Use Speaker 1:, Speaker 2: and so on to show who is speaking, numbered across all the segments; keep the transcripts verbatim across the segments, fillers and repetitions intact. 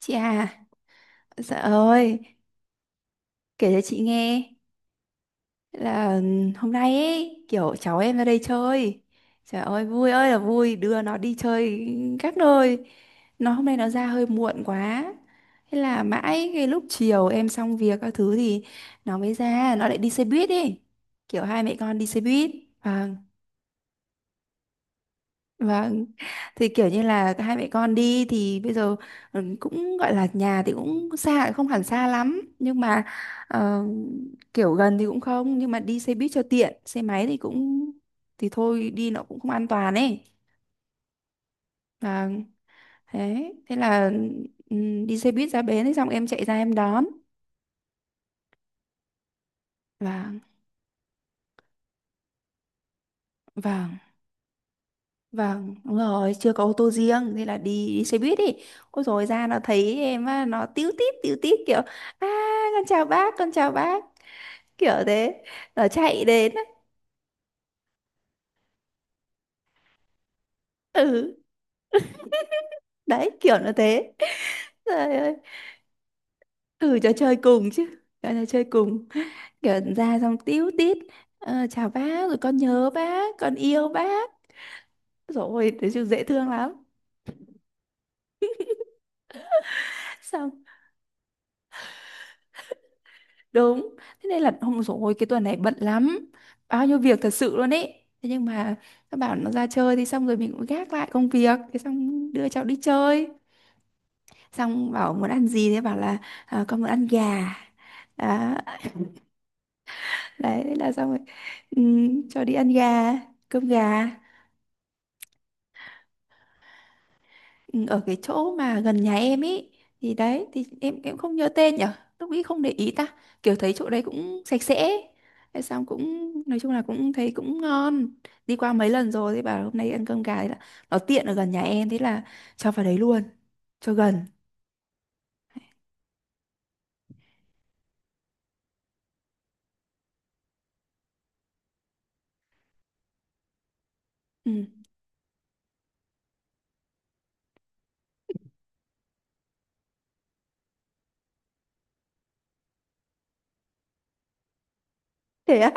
Speaker 1: Chị à, dạ ơi, kể cho chị nghe là ừ, hôm nay ấy, kiểu cháu em ra đây chơi. Trời ơi, vui ơi là vui, đưa nó đi chơi các nơi. Nó hôm nay nó ra hơi muộn quá. Thế là mãi cái lúc chiều em xong việc các thứ thì nó mới ra, nó lại đi xe buýt đi. Kiểu hai mẹ con đi xe buýt. Vâng. Vâng, thì kiểu như là hai mẹ con đi thì bây giờ ừ, cũng gọi là nhà thì cũng xa không hẳn xa lắm nhưng mà ờ, kiểu gần thì cũng không nhưng mà đi xe buýt cho tiện, xe máy thì cũng thì thôi, đi nó cũng không an toàn ấy. Vâng. Thế thế là ừ, đi xe buýt ra bến ấy, xong em chạy ra em đón. Vâng. Vâng. Vâng, đúng rồi, chưa có ô tô riêng, thế là đi, đi xe buýt đi. Ôi rồi ra nó thấy em á, nó tíu tít tíu tít kiểu à, con chào bác, con chào bác, kiểu thế, nó chạy đến ấy. Ừ. Đấy, kiểu nó thế. Trời ơi. Ừ, cho chơi cùng chứ, cho nó chơi cùng, kiểu ra xong tíu tít ờ, chào bác rồi con nhớ bác con yêu bác rồi, thế chứ dễ thương lắm. Xong. Đúng. Thế nên là hôm rồi cái tuần này bận lắm, bao nhiêu việc thật sự luôn ấy, thế nhưng mà nó bảo nó ra chơi thì xong rồi mình cũng gác lại công việc, thế xong đưa cháu đi chơi, xong bảo muốn ăn gì, thế bảo là "Ờ, con muốn ăn gà." Đó, đấy thế là xong rồi, ừm, cho đi ăn gà, cơm gà. Ừ, ở cái chỗ mà gần nhà em ý, thì đấy thì em em không nhớ tên nhở, lúc ấy không để ý ta, kiểu thấy chỗ đấy cũng sạch sẽ ấy, thế xong cũng nói chung là cũng thấy cũng ngon, đi qua mấy lần rồi thì bảo hôm nay ăn cơm gà, thế là nó tiện ở gần nhà em, thế là cho vào đấy luôn, cho gần. Ừ. Thế á.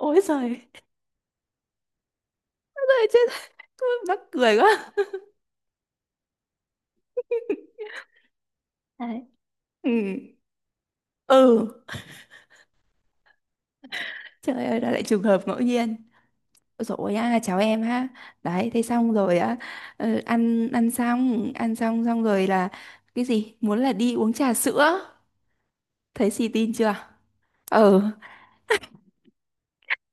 Speaker 1: Ôi giời. Ôi giời, chết. Mắc cười quá. Đấy. Ừ. Ừ. Trời ơi, đó lại trường hợp ngẫu nhiên. Ôi dồi ôi à, cháu em ha. Đấy, thế xong rồi á, ờ, ăn ăn xong, ăn xong xong rồi là cái gì? Muốn là đi uống trà sữa. Thấy xì tin chưa? Ừ,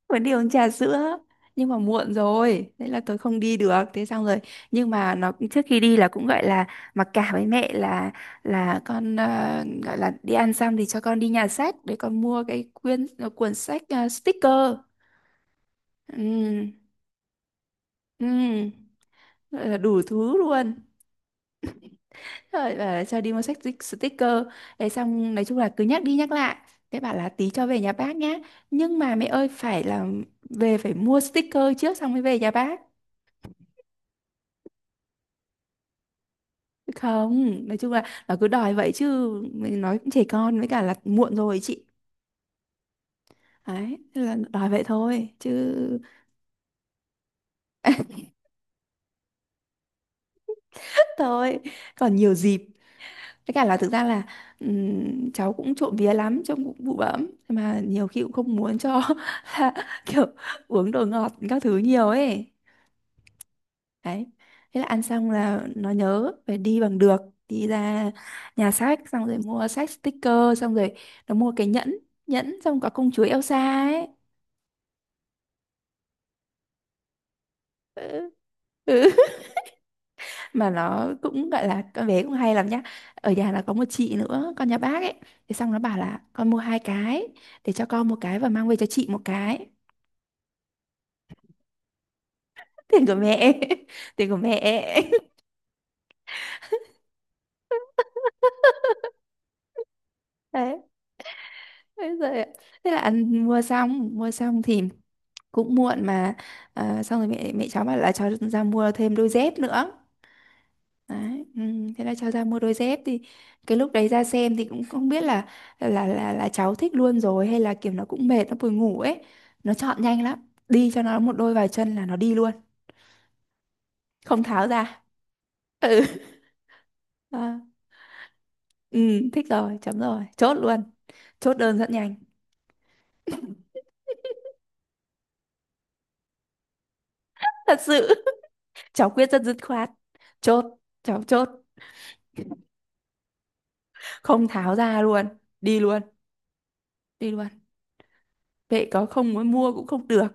Speaker 1: muốn đi uống trà sữa. Nhưng mà muộn rồi, thế là tôi không đi được. Thế xong rồi, nhưng mà nó trước khi đi là cũng gọi là mặc cả với mẹ là là con ờ, gọi là đi ăn xong thì cho con đi nhà sách để con mua cái quyển cuốn sách ờ, sticker. Ừ. Ừ, gọi là đủ thứ luôn. Rồi bảo là cho đi mua sách stick- sticker. Thế xong nói chung là cứ nhắc đi nhắc lại. Thế bảo là tí cho về nhà bác nhá. Nhưng mà mẹ ơi phải là về phải mua sticker trước xong mới về nhà bác. Không, nói chung là nó cứ đòi vậy chứ mình nói cũng trẻ con với cả là muộn rồi chị. Đấy, thế là đòi vậy thôi chứ. Thôi, còn nhiều dịp. Với cả là thực ra là ừm, cháu cũng trộm vía lắm, trông cũng bụ bẫm mà nhiều khi cũng không muốn cho là kiểu uống đồ ngọt các thứ nhiều ấy. Đấy. Thế là ăn xong là nó nhớ phải đi bằng được, đi ra nhà sách xong rồi mua sách sticker xong rồi nó mua cái nhẫn, nhẫn xong có công chúa Elsa ấy. Ừ. Mà nó cũng gọi là con bé cũng hay lắm nhá, ở nhà là có một chị nữa con nhà bác ấy, thế xong nó bảo là con mua hai cái, để cho con một cái và mang về cho chị một cái. Tiền của mẹ. Tiền của mẹ. Đấy, thế rồi, thế là ăn mua xong mua xong thì cũng muộn mà. À, xong rồi mẹ mẹ cháu bảo là cháu ra mua thêm đôi dép nữa. Đấy. Ừ, thế là cho ra mua đôi dép thì cái lúc đấy ra xem thì cũng không biết là là là là cháu thích luôn rồi hay là kiểu nó cũng mệt nó buồn ngủ ấy, nó chọn nhanh lắm, đi cho nó một đôi vào chân là nó đi luôn, không tháo ra. Ừ. À, ừ, thích rồi chấm rồi chốt luôn, chốt đơn rất nhanh. Thật sự. Cháu quyết rất dứt khoát, chốt, cháu chốt, không tháo ra luôn, đi luôn, đi luôn. Vậy có không muốn mua cũng không được.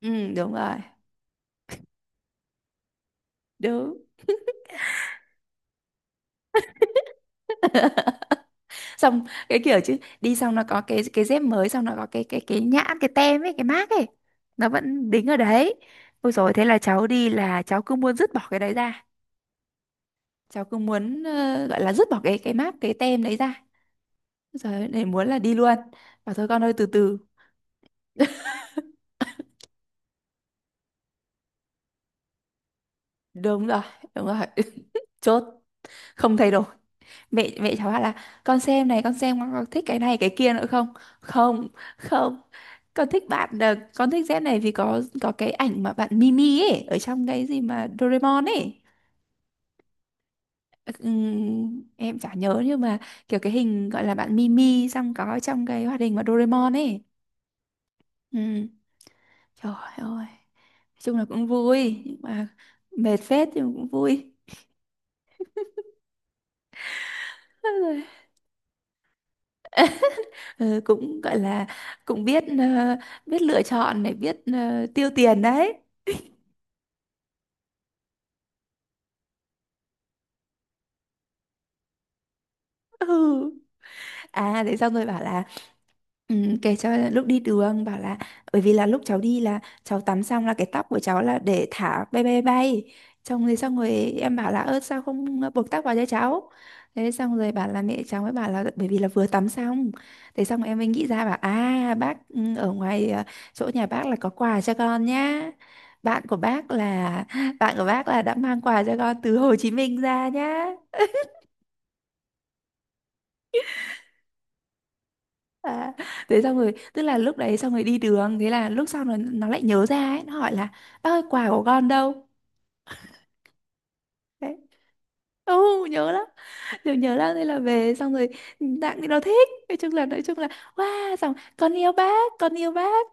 Speaker 1: Ừ, đúng rồi. Đúng. Xong cái kiểu chứ đi xong nó có cái cái dép mới, xong nó có cái cái cái nhãn cái tem ấy cái mác ấy, nó vẫn đính ở đấy. Ôi rồi thế là cháu đi là cháu cứ muốn dứt bỏ cái đấy ra, cháu cứ muốn ờ, gọi là dứt bỏ cái cái mác cái tem đấy ra, rồi để muốn là đi luôn. Bảo thôi con ơi từ từ. Đúng rồi. Đúng rồi. Chốt, không thay đổi. Mẹ mẹ cháu bảo là con xem này, con xem con có thích cái này cái kia nữa không. Không. Không. Con thích bạn ờ, con thích Z này vì có có cái ảnh mà bạn Mimi ấy ở trong cái gì mà Doraemon ấy. Ừm, em chả nhớ nhưng mà kiểu cái hình gọi là bạn Mimi xong có trong cái hoạt hình mà Doraemon ấy. Ừm, Trời ơi, nói chung là cũng vui nhưng mà mệt phết nhưng mà cũng vui. Ừ, cũng gọi là cũng biết ờ, biết lựa chọn này, biết ờ, tiêu tiền đấy. Ừ. À, thế xong rồi bảo là Ừ, kể cho là lúc đi đường bảo là bởi vì là lúc cháu đi là cháu tắm xong là cái tóc của cháu là để thả bay bay bay, xong rồi xong rồi em bảo là ơ sao không buộc tóc vào cho cháu, thế xong rồi bảo là mẹ cháu mới bảo là bởi vì là vừa tắm xong, thế xong em mới nghĩ ra bảo à bác ừ, ở ngoài ờ, chỗ nhà bác là có quà cho con nhá, bạn của bác là bạn của bác là đã mang quà cho con từ Hồ Chí Minh ra nhá. À, thế xong rồi tức là lúc đấy xong rồi đi đường, thế là lúc sau nó nó lại nhớ ra ấy, nó hỏi là bác ơi quà của con đâu. Đấy. Ừ, nhớ lắm, nhớ nhớ lắm, thế là về xong rồi tặng thì nó thích, nói chung là nói chung là wow, xong con yêu bác con yêu bác,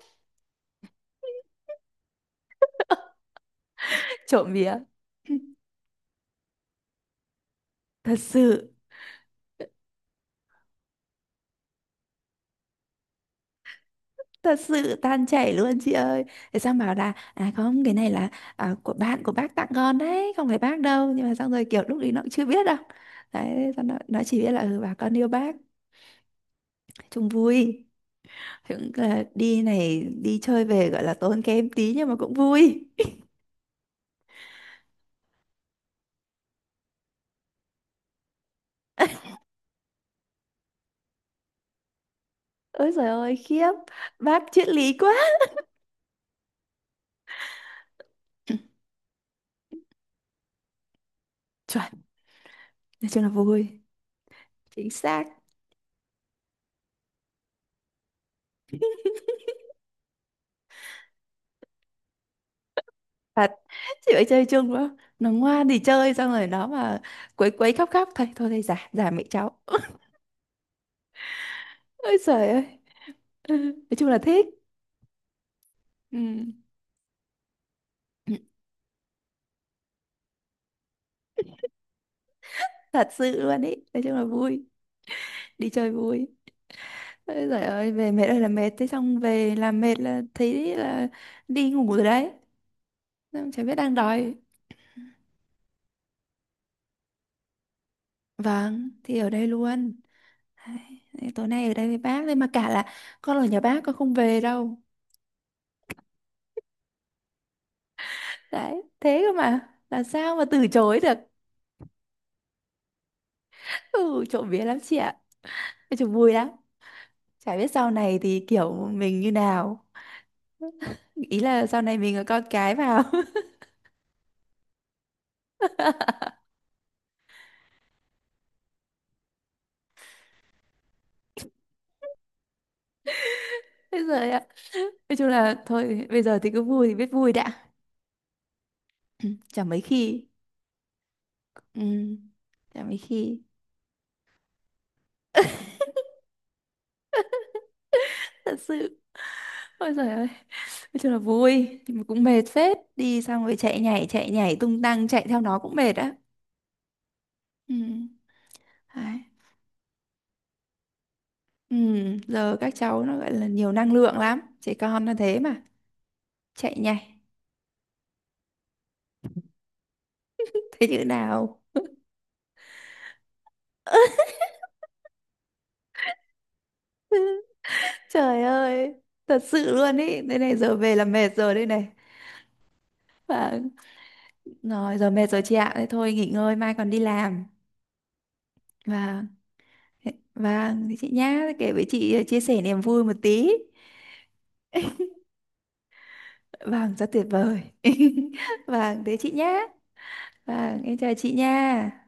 Speaker 1: trộm vía. Thật sự. Thật sự tan chảy luôn chị ơi. Thế xong bảo là à không cái này là à, của bạn của bác tặng con đấy không phải bác đâu, nhưng mà xong rồi kiểu lúc đấy nó cũng chưa biết đâu. Đấy, xong nó, nó chỉ biết là ừ bà con yêu bác, chung vui. Thì cũng là đi này đi chơi về gọi là tốn kém tí nhưng mà cũng vui. Ôi trời ơi khiếp, bác triết lý quá. Chuẩn, nói chung là vui. Chính xác. Thật. Chị phải chơi chung đó, nó ngoan thì chơi xong rồi nó mà quấy quấy khóc khóc thôi thôi thì giả giả mẹ cháu. Ôi trời ơi. Ừ, nói chung là thích. Ừ, thật sự luôn ý, nói chung là vui, đi chơi vui. Ôi giời ơi về mệt ơi là mệt, thế xong về làm mệt là thấy là đi ngủ rồi đấy, xong chả biết đang đói. Vâng, thì ở đây luôn. Đấy, thế tối nay ở đây với bác đấy mà cả là con ở nhà bác con không về đâu, đấy thế cơ mà làm sao mà từ chối được. Ừ, trộm vía lắm chị ạ, nói chung vui lắm, chả biết sau này thì kiểu mình như nào, ý là sau này mình có con cái vào. Ôi giời. Nói chung là thôi bây giờ thì cứ vui thì biết vui đã. Ừ, chả mấy khi. Ừ, chả mấy khi. Thật sự. Ôi giời ơi. Nói chung là vui. Nhưng mà cũng mệt phết. Đi xong rồi chạy nhảy, chạy nhảy tung tăng, chạy theo nó cũng mệt á. Ừ. Đấy. Ừ. Giờ các cháu nó gọi là nhiều năng lượng lắm. Trẻ con nó thế mà. Chạy nhảy. Thế chữ nào? Trời ơi, thật sự luôn ý, thế này giờ về là mệt rồi đây này. Và. Rồi, giờ mệt rồi chị ạ. Thế thôi nghỉ ngơi, mai còn đi làm. Vâng. Vâng, thế chị nhá, kể với chị ờ, chia sẻ niềm vui một tí. Vâng, rất tuyệt vời. Vâng, thế chị nhá. Vâng, em chào chị nha.